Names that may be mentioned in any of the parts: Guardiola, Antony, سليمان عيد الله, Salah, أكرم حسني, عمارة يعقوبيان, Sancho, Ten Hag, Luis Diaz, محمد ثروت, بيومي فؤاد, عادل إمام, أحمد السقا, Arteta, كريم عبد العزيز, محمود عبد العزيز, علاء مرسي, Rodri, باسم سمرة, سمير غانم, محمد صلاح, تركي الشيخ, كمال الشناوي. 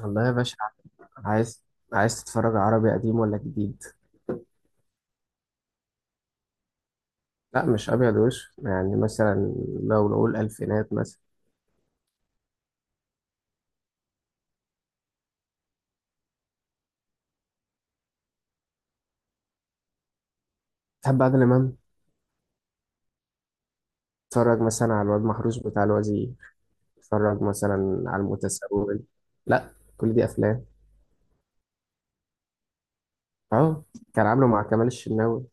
والله يا باشا، عايز عايز تتفرج عربي قديم ولا جديد؟ لا، مش ابيض وش، يعني مثلا لو نقول الفينات مثلا. تحب عادل امام؟ تتفرج مثلا على الواد محروس بتاع الوزير، تتفرج مثلا على المتسول. لا، كل دي افلام اهو، كان عامله مع كمال الشناوي،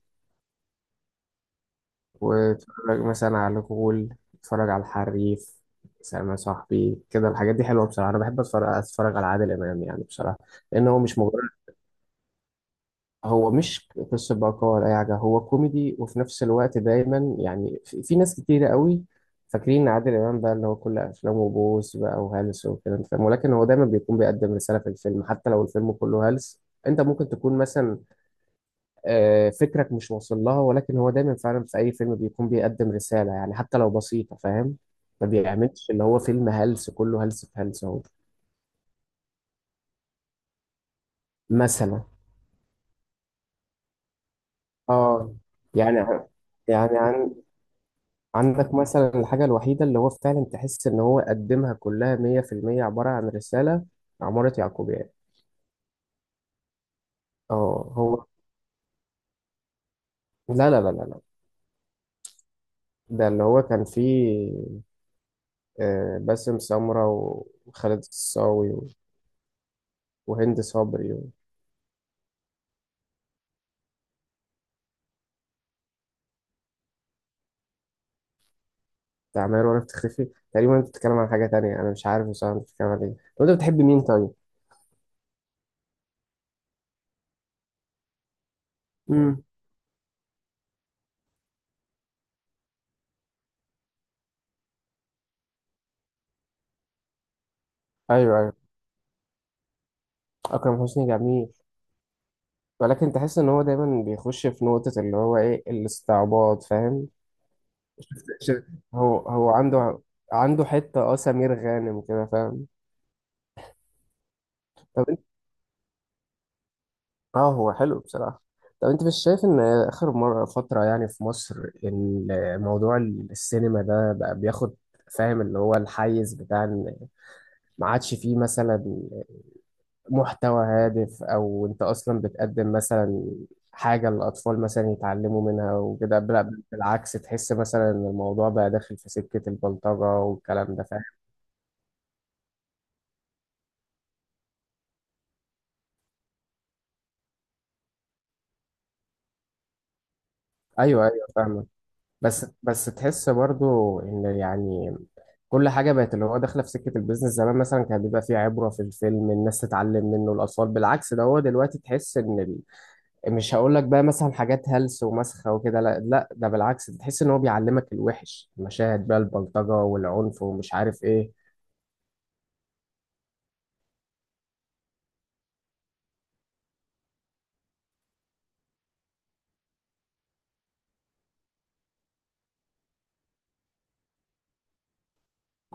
وتتفرج مثلا على الغول، تتفرج على الحريف. سلام يا صاحبي، كده الحاجات دي حلوه بصراحه. انا بحب اتفرج على عادل امام يعني بصراحه، لان هو مش هو مش قصة بقى ولا أي حاجة، هو كوميدي وفي نفس الوقت دايما يعني في ناس كتيرة قوي فاكرين إن عادل إمام بقى اللي هو كل أفلامه بوس بقى وهلس والكلام ده، فاهم؟ ولكن هو دايما بيكون بيقدم رسالة في الفيلم حتى لو الفيلم كله هلس. أنت ممكن تكون مثلا، فكرك مش واصل لها، ولكن هو دايما فعلا في أي فيلم بيكون بيقدم رسالة يعني حتى لو بسيطة، فاهم؟ ما بيعملش اللي هو فيلم هلس كله هلس في هلس أهو. مثلا، آه يعني يعني عندك مثلا الحاجة الوحيدة اللي هو فعلا تحس إن هو قدمها كلها مية في المية عبارة عن رسالة، عمارة يعقوبيان. اه هو. لا لا لا لا لا، ده اللي هو كان فيه باسم سمرة وخالد الصاوي وهند صبري وتعمير وأنا بتختفي تقريبا. أنت بتتكلم عن حاجة تانية، أنا مش عارف بصراحة أنت بتتكلم عن إيه. طب أنت بتحب مين طيب؟ امم أيوه أيوه، أكرم حسني جميل، ولكن تحس إن هو دايما بيخش في نقطة اللي هو إيه، الاستعباط، فاهم؟ ش- هو عنده حتة سمير غانم كده، فاهم. طب انت، اه هو حلو بصراحة. طب انت مش شايف ان اخر مرة فترة يعني في مصر، ان موضوع السينما ده بقى بياخد، فاهم، اللي هو الحيز بتاع ان ما عادش فيه مثلا محتوى هادف، او انت اصلا بتقدم مثلا حاجة الأطفال مثلا يتعلموا منها وكده، بالعكس تحس مثلا إن الموضوع بقى داخل في سكة البلطجة والكلام ده، فاهم؟ أيوه أيوه، فاهم. بس تحس برضو ان يعني كل حاجه بقت اللي هو داخله في سكه البيزنس. زمان مثلا كان بيبقى فيه عبره في الفيلم الناس تتعلم منه الاطفال، بالعكس ده، هو دلوقتي تحس ان مش هقول لك بقى مثلا حاجات هلس ومسخه وكده، لا لا، ده بالعكس، تحس ان هو بيعلمك الوحش المشاهد بقى، البلطجه والعنف ومش عارف ايه.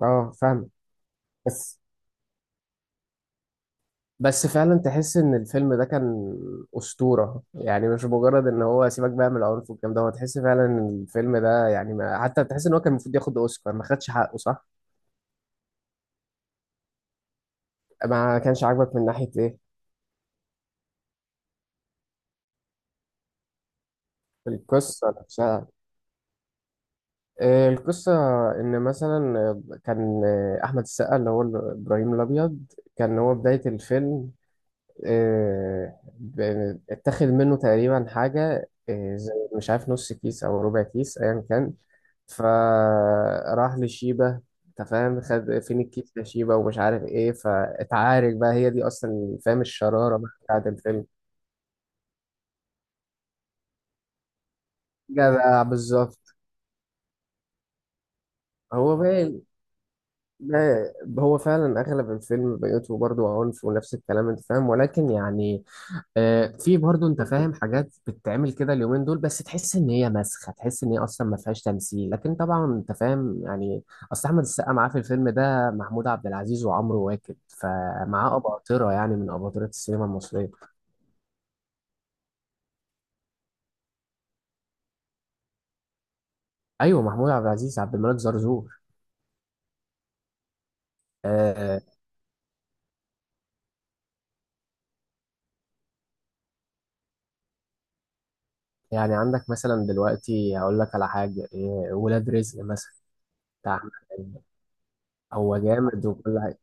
اه فاهم. بس بس فعلا تحس ان الفيلم ده كان اسطوره، يعني مش مجرد ان هو سيبك بقى من العنف والكلام ده، هو تحس فعلا ان الفيلم ده يعني، ما حتى تحس ان هو كان المفروض ياخد اوسكار، ما خدش حقه صح؟ ما كانش عاجبك من ناحيه ايه؟ القصه نفسها، القصه ان مثلا، كان احمد السقا اللي هو ابراهيم الابيض، كان هو بدايه الفيلم، اتاخد منه تقريبا حاجه زي مش عارف نص كيس او ربع كيس ايا كان، فراح لشيبة. انت فاهم، خد فين الكيس يا شيبة ومش عارف ايه، فاتعارك بقى، هي دي اصلا، فاهم، الشرارة بقى بتاعت الفيلم. جدع بالظبط. هو باين، هو فعلا اغلب الفيلم بيوته برضه عنف ونفس الكلام، انت فاهم، ولكن يعني في برضه انت فاهم حاجات بتتعمل كده اليومين دول، بس تحس ان هي مسخه، تحس ان هي اصلا ما فيهاش تمثيل. لكن طبعا انت فاهم يعني، اصل احمد السقا معاه في الفيلم ده محمود عبد العزيز وعمرو واكد، فمعاه اباطره يعني من اباطره السينما المصريه. ايوه، محمود عبد العزيز عبد الملك زرزور. آه يعني عندك مثلا دلوقتي هقول لك على حاجه، ولاد رزق مثلا بتاع أحمد عز. هو جامد وكل حاجه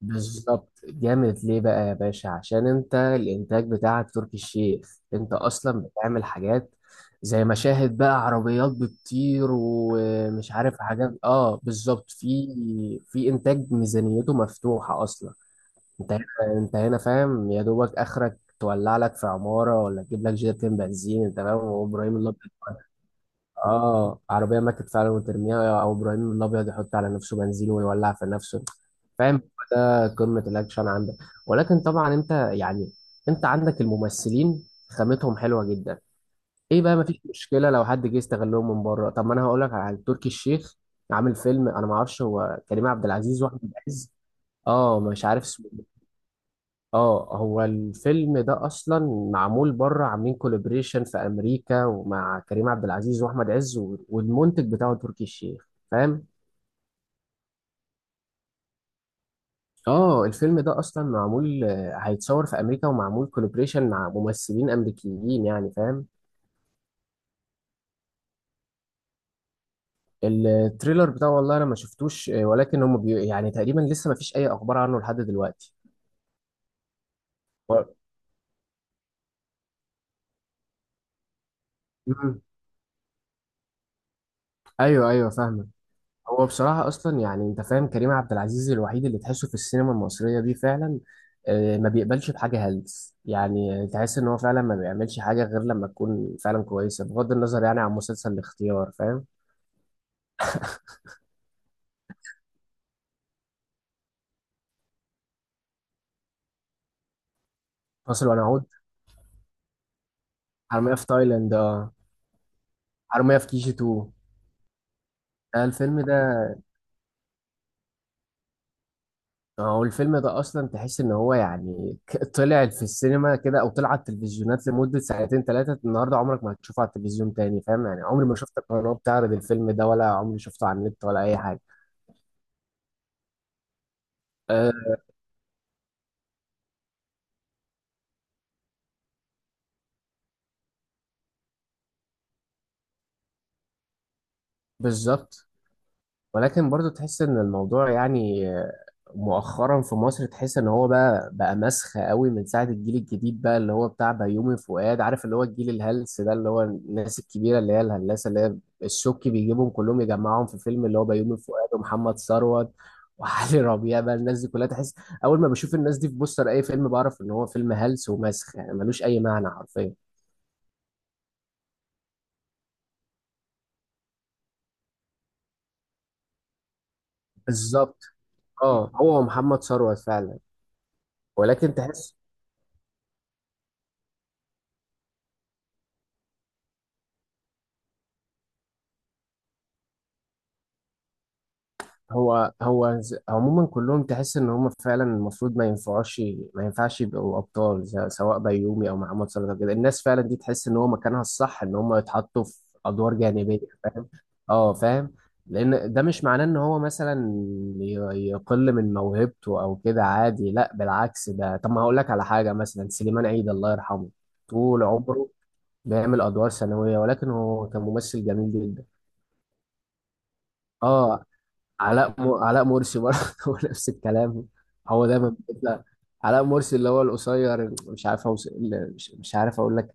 بالظبط. جامد ليه بقى يا باشا؟ عشان انت الانتاج بتاعك تركي الشيخ، انت اصلا بتعمل حاجات زي مشاهد بقى عربيات بتطير ومش عارف حاجات، اه بالظبط، في انتاج ميزانيته مفتوحة اصلا. انت هنا انت هنا فاهم، يا دوبك اخرك تولع لك في عمارة ولا تجيب لك جيرتين بنزين، انت فاهم، وابراهيم الله. اه، عربيه ماتت فعلا وترميها، او ابراهيم الابيض يحط على نفسه بنزين ويولع في نفسه، فاهم؟ ده قمه الاكشن عندك. ولكن طبعا انت يعني، انت عندك الممثلين خامتهم حلوه جدا. ايه بقى؟ مفيش مشكله لو حد جه يستغلهم من بره. طب ما انا هقول لك على حاجة. تركي الشيخ عامل فيلم، انا ما اعرفش، هو كريم عبد العزيز واحمد عز، اه مش عارف. اه هو الفيلم ده اصلا معمول بره، عاملين كولابريشن في امريكا ومع كريم عبد العزيز واحمد عز والمنتج بتاعه تركي الشيخ، فاهم. اه الفيلم ده اصلا معمول، هيتصور في امريكا ومعمول كولابريشن مع ممثلين امريكيين يعني، فاهم. التريلر بتاعه والله انا ما شفتوش، ولكن هم يعني تقريبا لسه ما فيش اي اخبار عنه لحد دلوقتي. و... مم. ايوه ايوه، فاهمك. هو بصراحة أصلا يعني أنت فاهم، كريم عبد العزيز الوحيد اللي تحسه في السينما المصرية دي فعلا، ما بيقبلش بحاجة هلس. يعني تحس إن هو فعلا ما بيعملش حاجة غير لما تكون فعلا كويسة، بغض النظر يعني عن مسلسل الاختيار، فاهم. فاصل ونعود. حرامية في تايلاند، حرامية في كيجي 2، الفيلم ده، هو الفيلم ده أصلا تحس إن هو يعني طلع في السينما كده، أو طلع على التلفزيونات لمدة ساعتين ثلاثة، النهاردة عمرك ما هتشوفه على التلفزيون تاني فاهم يعني، عمري ما شفت قناة بتعرض الفيلم ده، ولا عمري شفته على النت ولا أي حاجة. آه، بالظبط، ولكن برضو تحس ان الموضوع يعني، مؤخرا في مصر، تحس ان هو بقى مسخة قوي من ساعة الجيل الجديد بقى اللي هو بتاع بيومي فؤاد، عارف، اللي هو الجيل الهلس ده، اللي هو الناس الكبيرة اللي هي الهلاسة اللي هي الشك بيجيبهم كلهم يجمعهم في فيلم، اللي هو بيومي فؤاد ومحمد ثروت وعلي ربيع بقى، الناس دي كلها تحس، اول ما بشوف الناس دي في بوستر اي فيلم، بعرف ان هو فيلم هلس ومسخ يعني، ملوش اي معنى حرفيا. بالظبط. اه هو محمد ثروت فعلا. ولكن تحس، هو عموما كلهم تحس ان هم فعلا المفروض ما ينفعوش، ما ينفعش يبقوا ابطال، سواء بيومي او محمد صلاح أو كده، الناس فعلا دي تحس ان هو مكانها الصح ان هم يتحطوا في ادوار جانبيه، فاهم؟ اه فاهم. لان ده مش معناه ان هو مثلا ي- يقل من موهبته او كده، عادي، لا بالعكس ده. طب ما هقول لك على حاجه مثلا، سليمان عيد الله يرحمه، طول عمره بيعمل ادوار ثانويه ولكن هو كان ممثل جميل جدا. اه، علاء مرسي برضه، هو نفس الكلام، هو دايما بيطلع. علاء مرسي اللي هو القصير، مش عارف اللي مش عارف اقول لك،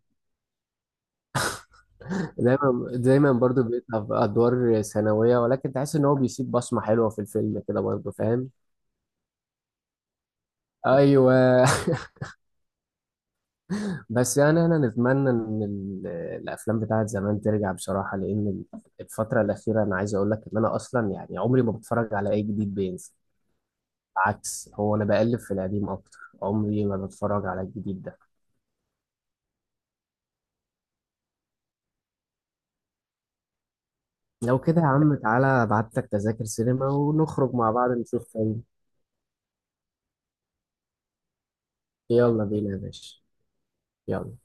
دايما دايما برضه بيطلع في ادوار ثانويه ولكن تحس ان هو بيسيب بصمه حلوه في الفيلم كده برضه، فاهم. ايوه. بس يعني انا نتمنى ان الافلام بتاعت زمان ترجع بصراحه، لان الفتره الاخيره انا عايز اقول لك ان انا اصلا يعني عمري ما بتفرج على اي جديد بينزل، عكس هو انا بقلب في القديم اكتر. عمري ما بتفرج على الجديد ده. لو كده يا عم، تعالى ابعت لك تذاكر سينما ونخرج مع بعض نشوف فيلم. يلا بينا يا باشا. يلا.